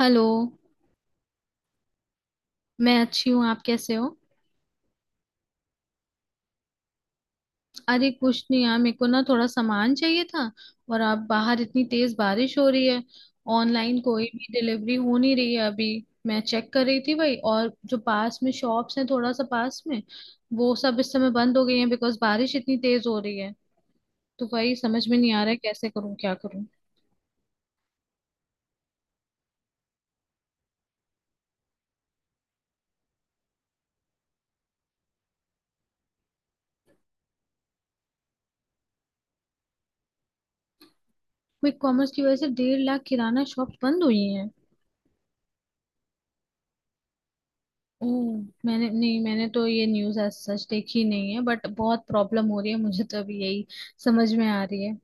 Hello. मैं अच्छी हूँ। आप कैसे हो? अरे कुछ नहीं यार, मेरे को ना थोड़ा सामान चाहिए था। और अब बाहर इतनी तेज बारिश हो रही है। ऑनलाइन कोई भी डिलीवरी हो नहीं रही है अभी। मैं चेक कर रही थी भाई, और जो पास में शॉप्स हैं थोड़ा सा पास में, वो सब इस समय बंद हो गई हैं बिकॉज बारिश इतनी तेज हो रही है। तो वही समझ में नहीं आ रहा है, कैसे करूँ क्या करूँ। क्विक कॉमर्स की वजह से 1.5 लाख किराना शॉप बंद हुई हैं? ओह, मैंने नहीं। मैंने तो ये न्यूज़ आज सच देखी नहीं है, बट बहुत प्रॉब्लम हो रही है मुझे तो अभी, यही समझ में आ रही है।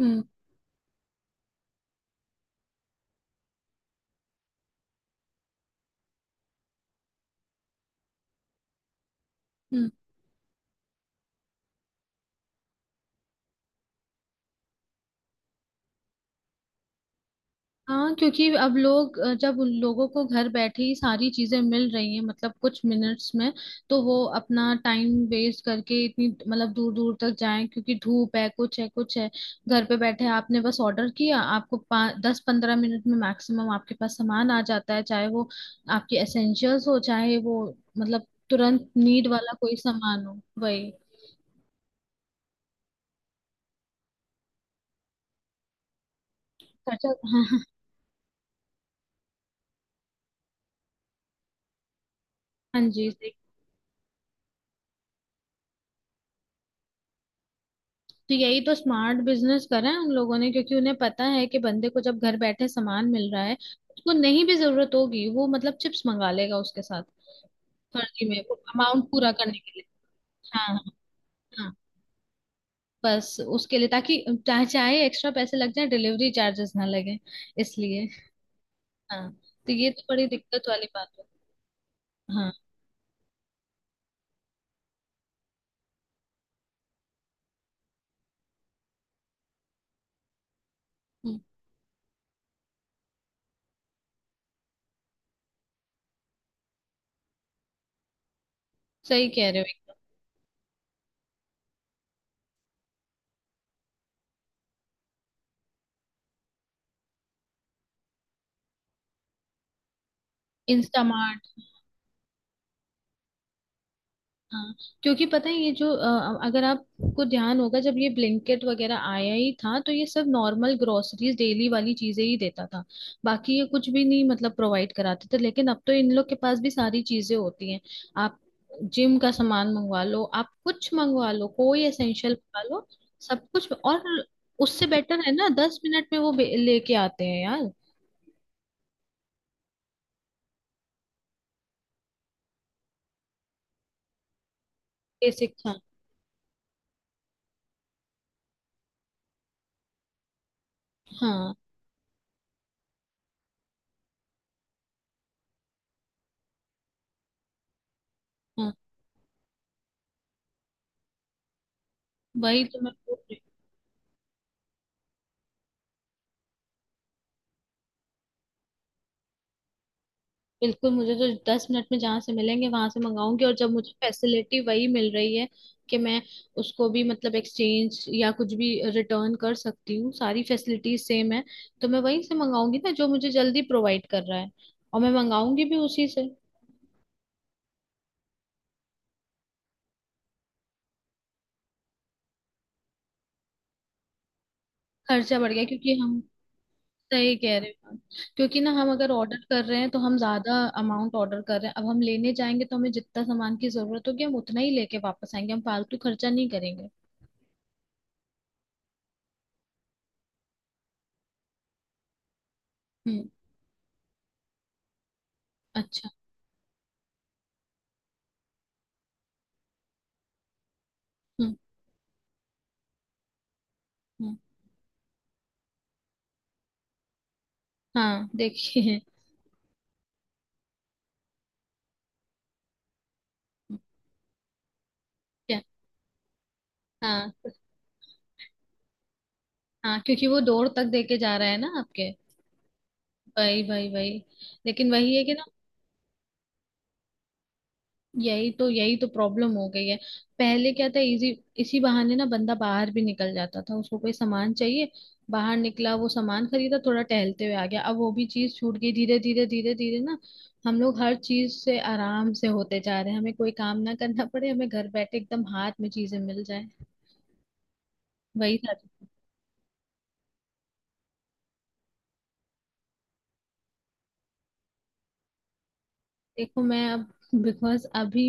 हम्म। हम्म। हाँ, क्योंकि अब लोग जब उन लोगों को घर बैठे ही सारी चीजें मिल रही हैं मतलब कुछ मिनट्स में, तो वो अपना टाइम वेस्ट करके इतनी मतलब दूर दूर तक जाएं? क्योंकि धूप है, कुछ है कुछ है। घर पे बैठे आपने बस ऑर्डर किया, आपको 5, 10, 15 मिनट में मैक्सिमम आपके पास सामान आ जाता है, चाहे वो आपके एसेंशियल्स हो, चाहे वो मतलब तुरंत नीड वाला कोई सामान हो, वही। खर्चा। हाँ हाँ जी। तो यही तो स्मार्ट बिजनेस करा है उन लोगों ने, क्योंकि उन्हें पता है कि बंदे को जब घर बैठे सामान मिल रहा है, उसको नहीं भी जरूरत होगी वो मतलब चिप्स मंगा लेगा उसके साथ, फर्जी में, वो अमाउंट पूरा करने के लिए। हाँ हाँ हाँ। बस उसके लिए, ताकि चाहे चाहे एक्स्ट्रा पैसे लग जाए डिलीवरी चार्जेस ना लगे, इसलिए। हाँ, तो ये तो बड़ी दिक्कत वाली बात है। हाँ। हम्म, सही कह रहे हो एकदम। इंस्टामार्ट। हाँ, क्योंकि पता है, ये जो अगर आपको ध्यान होगा, जब ये ब्लिंकेट वगैरह आया ही था तो ये सब नॉर्मल ग्रोसरीज डेली वाली चीजें ही देता था। बाकी ये कुछ भी नहीं मतलब प्रोवाइड कराते थे, लेकिन अब तो इन लोग के पास भी सारी चीजें होती हैं। आप जिम का सामान मंगवा लो, आप कुछ मंगवा लो, कोई एसेंशियल मंगवा लो। सब कुछ। और उससे बेटर है ना, 10 मिनट में वो लेके आते हैं यार। बेसिक हाँ। हाँ हाँ, वही तो मैं बोल रही हूँ। बिल्कुल। मुझे तो 10 मिनट में जहां से मिलेंगे वहां से मंगाऊंगी, और जब मुझे फैसिलिटी वही मिल रही है, कि मैं उसको भी मतलब एक्सचेंज या कुछ भी रिटर्न कर सकती हूँ, सारी फैसिलिटीज सेम है, तो मैं वहीं से मंगाऊंगी ना जो मुझे जल्दी प्रोवाइड कर रहा है। और मैं मंगाऊंगी भी उसी से। खर्चा बढ़ गया, क्योंकि हम। सही कह रहे हैं। क्योंकि ना, हम अगर ऑर्डर कर रहे हैं तो हम ज्यादा अमाउंट ऑर्डर कर रहे हैं, अब हम लेने जाएंगे तो हमें जितना सामान की जरूरत होगी हम उतना ही लेके वापस आएंगे, हम फालतू खर्चा नहीं करेंगे। हम्म। अच्छा। हम्म। हम्म। हाँ देखिए। क्या? हाँ हाँ। क्योंकि वो डोर तक देके जा रहा है ना आपके। वही वही वही। लेकिन वही है कि ना, यही तो प्रॉब्लम हो गई है। पहले क्या था? इजी। इसी बहाने ना बंदा बाहर भी निकल जाता था, उसको कोई सामान चाहिए, बाहर निकला वो सामान खरीदा, थोड़ा टहलते हुए आ गया। अब वो भी चीज छूट गई धीरे धीरे धीरे धीरे ना। हम लोग हर चीज से आराम से होते जा रहे हैं, हमें कोई काम ना करना पड़े, हमें घर बैठे एकदम हाथ में चीजें मिल जाए, वही था। देखो मैं अब, बिकॉज अभी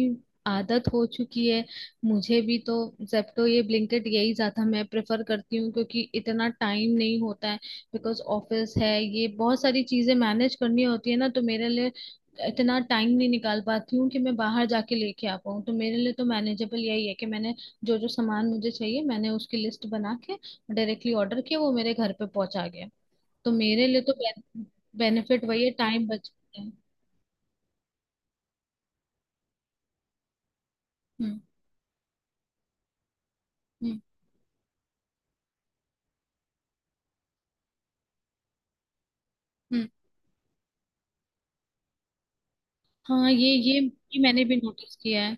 आदत हो चुकी है मुझे भी तो। जेप्टो, ये ब्लिंकिट, यही ज्यादा मैं प्रेफर करती हूँ, क्योंकि इतना टाइम नहीं होता है, बिकॉज ऑफिस है, ये बहुत सारी चीजें मैनेज करनी होती है ना, तो मेरे लिए इतना टाइम नहीं निकाल पाती हूँ कि मैं बाहर जाके लेके आ पाऊँ, तो मेरे लिए तो मैनेजेबल यही है, कि मैंने जो जो सामान मुझे चाहिए मैंने उसकी लिस्ट बना के डायरेक्टली ऑर्डर किया, वो मेरे घर पे पहुंचा गया। तो मेरे लिए तो बेनिफिट वही है, टाइम बच है। हम्म। हम्म। हम्म। हाँ, ये मैंने भी नोटिस किया है।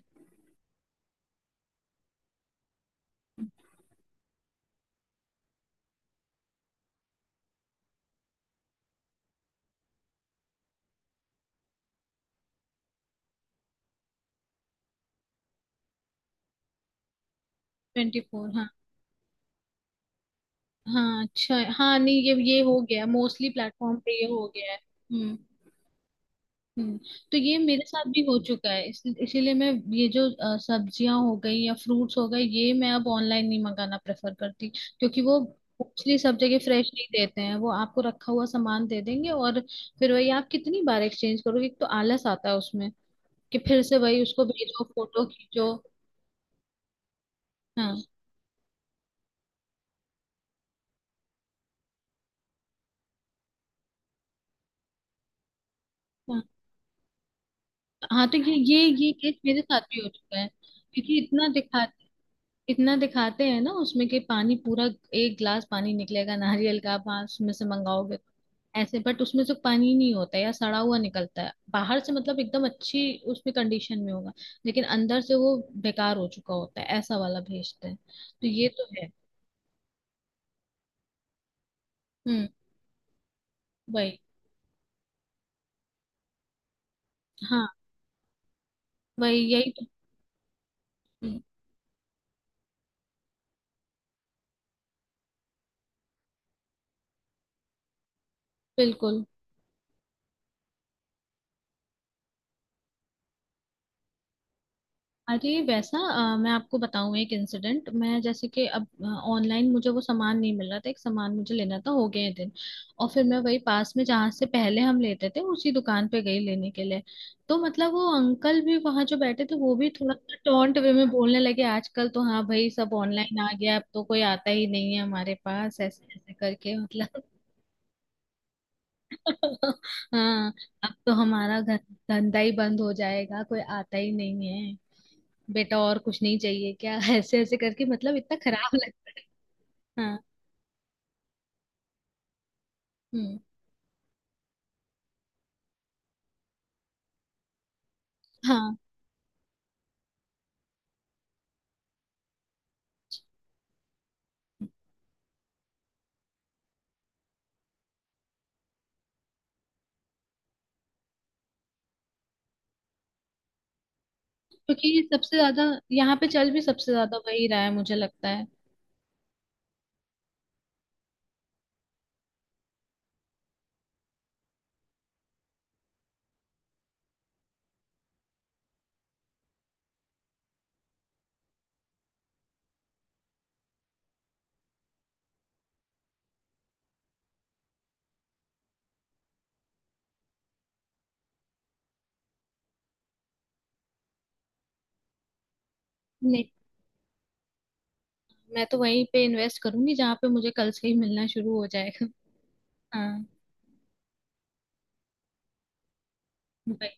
24 हाँ। हाँ अच्छा। हाँ नहीं, ये हो गया मोस्टली, प्लेटफॉर्म पे ये हो गया है। हम्म। हम्म। तो ये मेरे साथ भी हो चुका है, इसीलिए मैं। ये जो सब्जियां हो गई या फ्रूट्स हो गए, ये मैं अब ऑनलाइन नहीं मंगाना प्रेफर करती, क्योंकि वो मोस्टली सब जगह फ्रेश नहीं देते हैं, वो आपको रखा हुआ सामान दे देंगे। और फिर वही, आप कितनी बार एक्सचेंज करोगे? एक तो आलस आता है उसमें, कि फिर से वही उसको भेजो, फोटो खींचो। हाँ हाँ। हाँ, तो ये केस मेरे साथ भी हो चुका है। क्योंकि इतना दिखाते हैं ना उसमें, कि पानी पूरा, एक गिलास पानी निकलेगा नारियल का, आप वहाँ उसमें से मंगाओगे तो। ऐसे, बट उसमें से पानी नहीं होता, या सड़ा हुआ निकलता है, बाहर से मतलब एकदम अच्छी उसमें कंडीशन में होगा, लेकिन अंदर से वो बेकार हो चुका होता है, ऐसा वाला भेजते हैं। तो ये तो है। हम्म। वही। हाँ, वही, यही तो। हम्म, बिल्कुल। अरे वैसा, मैं आपको बताऊं एक इंसिडेंट। मैं जैसे कि अब ऑनलाइन मुझे वो सामान नहीं मिल रहा था, एक सामान मुझे लेना था, हो गए हैं दिन। और फिर मैं वही पास में जहाँ से पहले हम लेते थे, उसी दुकान पे गई लेने के लिए। तो मतलब वो अंकल भी वहाँ जो बैठे थे, वो भी थोड़ा सा टोंट वे में बोलने लगे, आजकल तो हाँ भाई सब ऑनलाइन आ गया, अब तो कोई आता ही नहीं है हमारे पास, ऐसे ऐसे करके मतलब। हाँ। अब तो हमारा घर, धंधा ही बंद हो जाएगा, कोई आता ही नहीं है, बेटा और कुछ नहीं चाहिए क्या? ऐसे ऐसे करके मतलब इतना खराब लगता है। हाँ। हम्म। हाँ, क्योंकि ये सबसे ज्यादा, यहाँ पे चल भी सबसे ज्यादा वही रहा है, मुझे लगता है। नहीं, मैं तो वहीं पे इन्वेस्ट करूंगी जहाँ पे मुझे कल से ही मिलना शुरू हो जाएगा। हाँ। वही।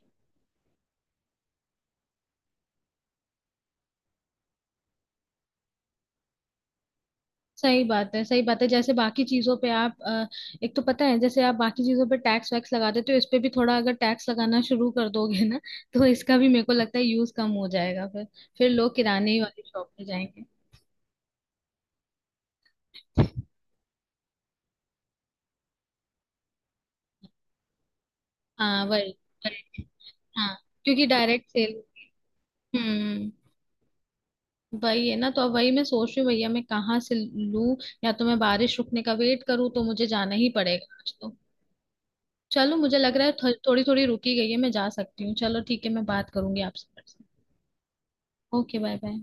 सही बात है, सही बात है, जैसे बाकी चीजों पे आप एक तो पता है, जैसे आप बाकी चीजों पे टैक्स वैक्स लगा देते हो, इस पे भी थोड़ा अगर टैक्स लगाना शुरू कर दोगे ना, तो इसका भी मेरे को लगता है यूज कम हो जाएगा। फिर लोग किराने ही वाली शॉप पे जाएंगे। हाँ, वही वही। हाँ, क्योंकि डायरेक्ट सेल। हम्म। वही है ना, तो अब वही मैं सोच रही हूँ भैया, मैं कहाँ से लूँ। या तो मैं बारिश रुकने का वेट करूँ, तो मुझे जाना ही पड़ेगा आज तो। चलो, मुझे लग रहा है थोड़ी थोड़ी रुकी गई है, मैं जा सकती हूँ। चलो ठीक है, मैं बात करूंगी आपसे। Okay bye bye.